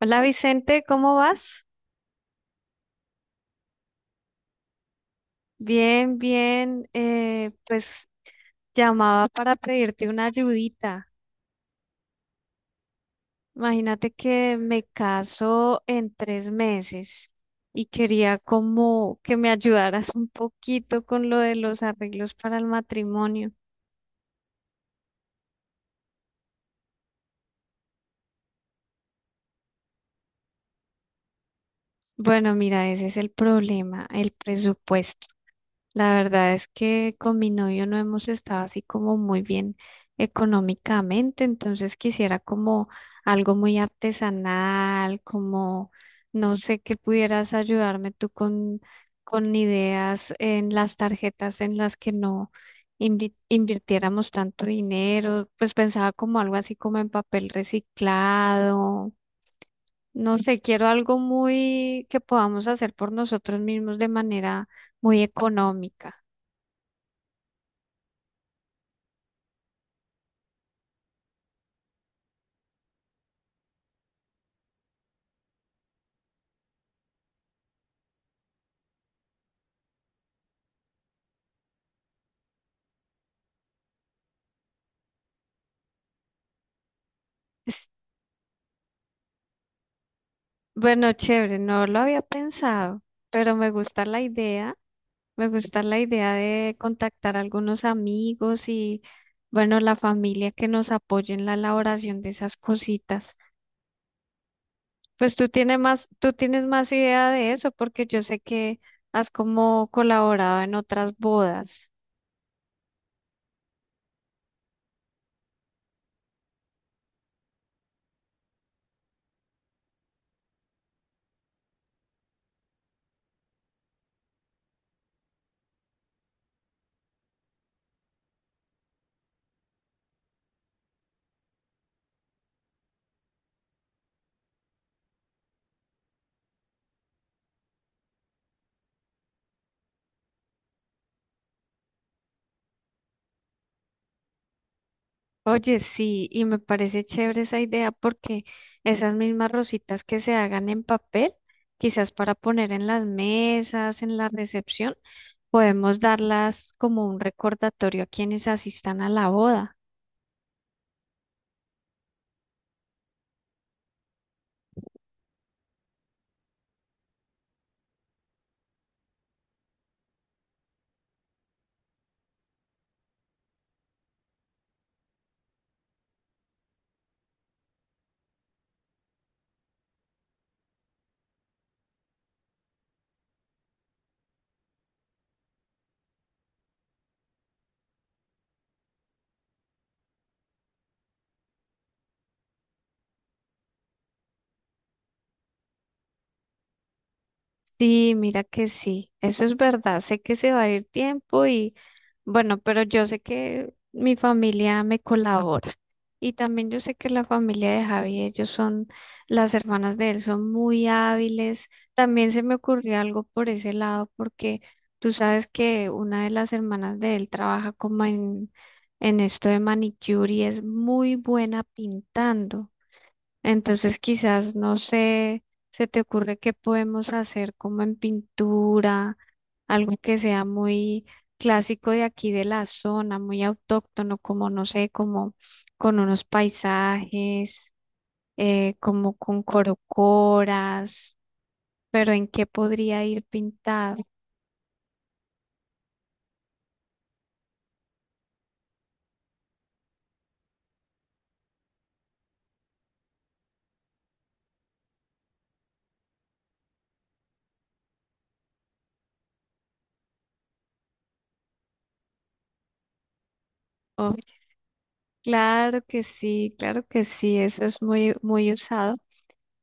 Hola Vicente, ¿cómo vas? Bien, bien. Pues llamaba para pedirte una ayudita. Imagínate que me caso en 3 meses y quería como que me ayudaras un poquito con lo de los arreglos para el matrimonio. Bueno, mira, ese es el problema, el presupuesto. La verdad es que con mi novio no hemos estado así como muy bien económicamente, entonces quisiera como algo muy artesanal, como no sé qué pudieras ayudarme tú con ideas en las tarjetas en las que no invirtiéramos tanto dinero, pues pensaba como algo así como en papel reciclado, no sé, quiero algo muy que podamos hacer por nosotros mismos de manera muy económica. Es- Bueno, chévere, no lo había pensado, pero me gusta la idea, me gusta la idea de contactar a algunos amigos y, bueno, la familia que nos apoye en la elaboración de esas cositas. Pues tú tienes más idea de eso porque yo sé que has como colaborado en otras bodas. Oye, sí, y me parece chévere esa idea porque esas mismas rositas que se hagan en papel, quizás para poner en las mesas, en la recepción, podemos darlas como un recordatorio a quienes asistan a la boda. Sí, mira que sí, eso es verdad, sé que se va a ir tiempo y bueno, pero yo sé que mi familia me colabora y también yo sé que la familia de Javi, ellos son, las hermanas de él son muy hábiles, también se me ocurrió algo por ese lado porque tú sabes que una de las hermanas de él trabaja como en esto de manicure y es muy buena pintando. Entonces, quizás, no sé, se te ocurre qué podemos hacer como en pintura, algo que sea muy clásico de aquí de la zona, muy autóctono, como, no sé, como con unos paisajes, como con corocoras, pero ¿en qué podría ir pintado? Oh, claro que sí, eso es muy, muy usado.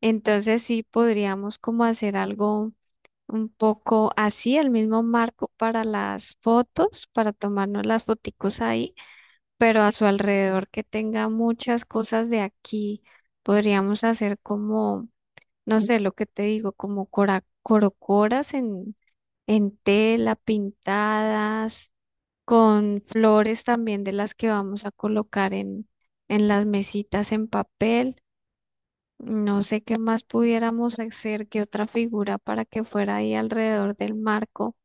Entonces, sí podríamos como hacer algo un poco así, el mismo marco para las fotos, para tomarnos las foticos ahí, pero a su alrededor que tenga muchas cosas de aquí. Podríamos hacer como, no sé, lo que te digo, como corocoras en tela, pintadas, con flores también de las que vamos a colocar en las mesitas en papel. No sé qué más pudiéramos hacer, qué otra figura para que fuera ahí alrededor del marco.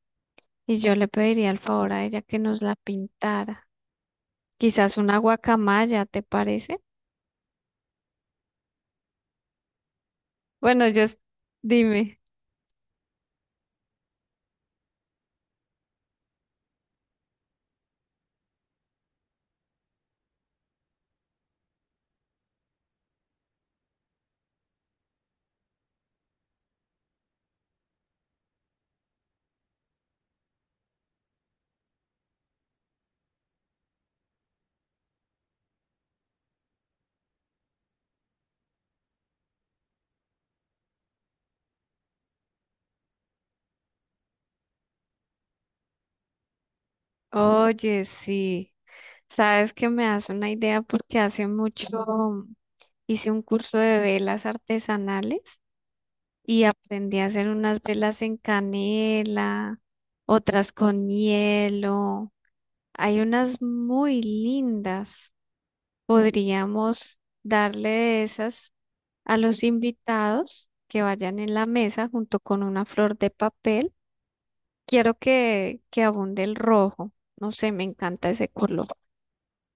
Y yo le pediría el favor a ella que nos la pintara. Quizás una guacamaya, ¿te parece? Bueno, yo, dime. Oye, sí. Sabes que me das una idea porque hace mucho hice un curso de velas artesanales y aprendí a hacer unas velas en canela, otras con hielo. Hay unas muy lindas. Podríamos darle de esas a los invitados que vayan en la mesa junto con una flor de papel, quiero que abunde el rojo. No sé, me encanta ese color.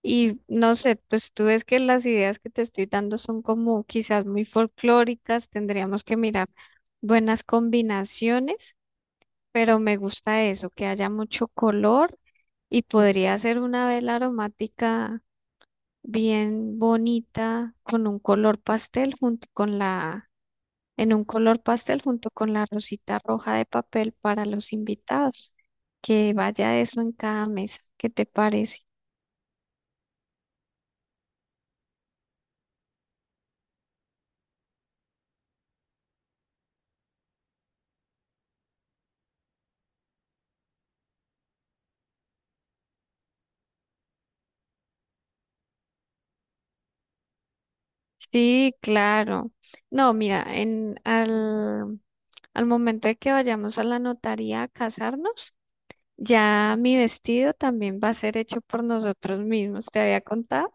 Y no sé, pues tú ves que las ideas que te estoy dando son como quizás muy folclóricas, tendríamos que mirar buenas combinaciones, pero me gusta eso, que haya mucho color y podría ser una vela aromática bien bonita con un color pastel junto con la en un color pastel junto con la rosita roja de papel para los invitados. Que vaya eso en cada mesa. ¿Qué te parece? Sí, claro. No, mira, en al, al momento de que vayamos a la notaría a casarnos, ya mi vestido también va a ser hecho por nosotros mismos. ¿Te había contado?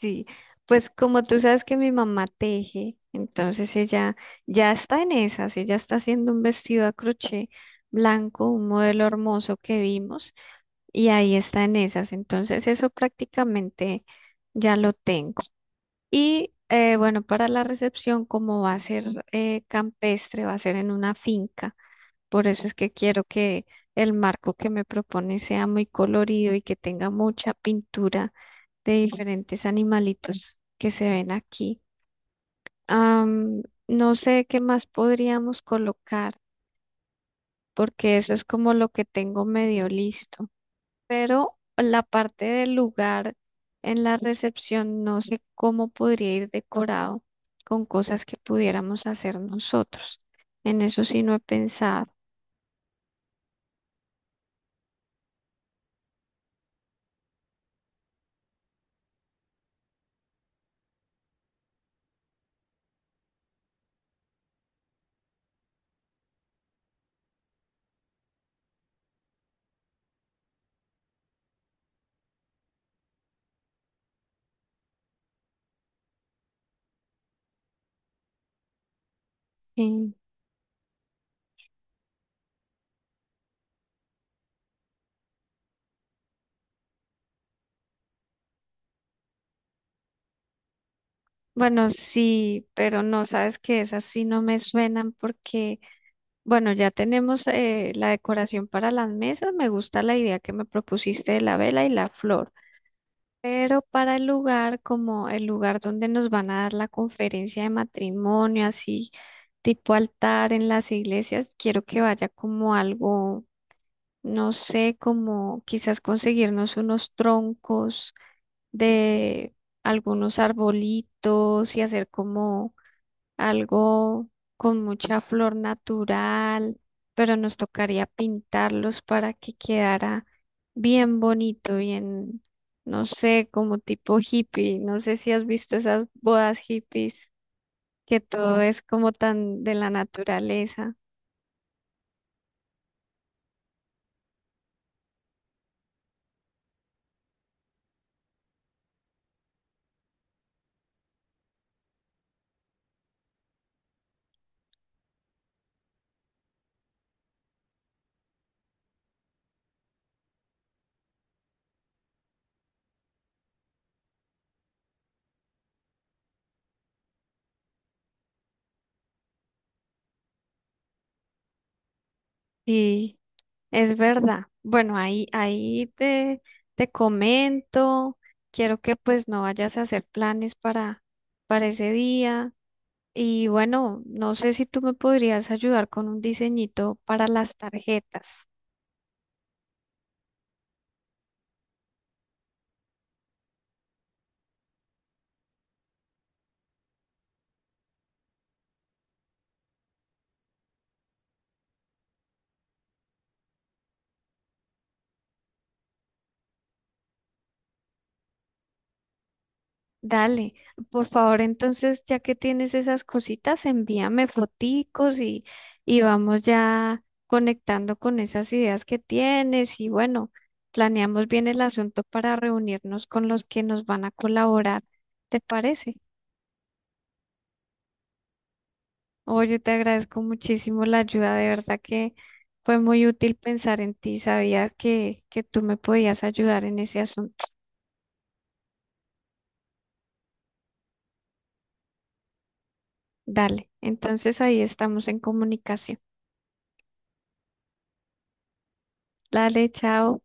Sí, pues como tú sabes que mi mamá teje, entonces ella ya está en esas, ella está haciendo un vestido a crochet blanco, un modelo hermoso que vimos, y ahí está en esas, entonces eso prácticamente ya lo tengo. Y bueno, para la recepción, como va a ser campestre, va a ser en una finca, por eso es que quiero que el marco que me propone sea muy colorido y que tenga mucha pintura de diferentes animalitos que se ven aquí. Am, no sé qué más podríamos colocar, porque eso es como lo que tengo medio listo. Pero la parte del lugar en la recepción, no sé cómo podría ir decorado con cosas que pudiéramos hacer nosotros. En eso sí no he pensado. Sí. Bueno, sí, pero no, sabes que esas sí no me suenan porque bueno, ya tenemos la decoración para las mesas. Me gusta la idea que me propusiste de la vela y la flor. Pero para el lugar, como el lugar donde nos van a dar la conferencia de matrimonio, así tipo altar en las iglesias, quiero que vaya como algo, no sé, como quizás conseguirnos unos troncos de algunos arbolitos y hacer como algo con mucha flor natural, pero nos tocaría pintarlos para que quedara bien bonito, bien, no sé, como tipo hippie. No sé si has visto esas bodas hippies, que todo es como tan de la naturaleza. Sí, es verdad. Bueno, ahí, ahí te, te comento. Quiero que pues no vayas a hacer planes para ese día. Y bueno, no sé si tú me podrías ayudar con un diseñito para las tarjetas. Dale, por favor, entonces, ya que tienes esas cositas, envíame foticos y vamos ya conectando con esas ideas que tienes. Y bueno, planeamos bien el asunto para reunirnos con los que nos van a colaborar. ¿Te parece? Oye, te agradezco muchísimo la ayuda, de verdad que fue muy útil pensar en ti. Sabía que tú me podías ayudar en ese asunto. Dale, entonces ahí estamos en comunicación. Dale, chao.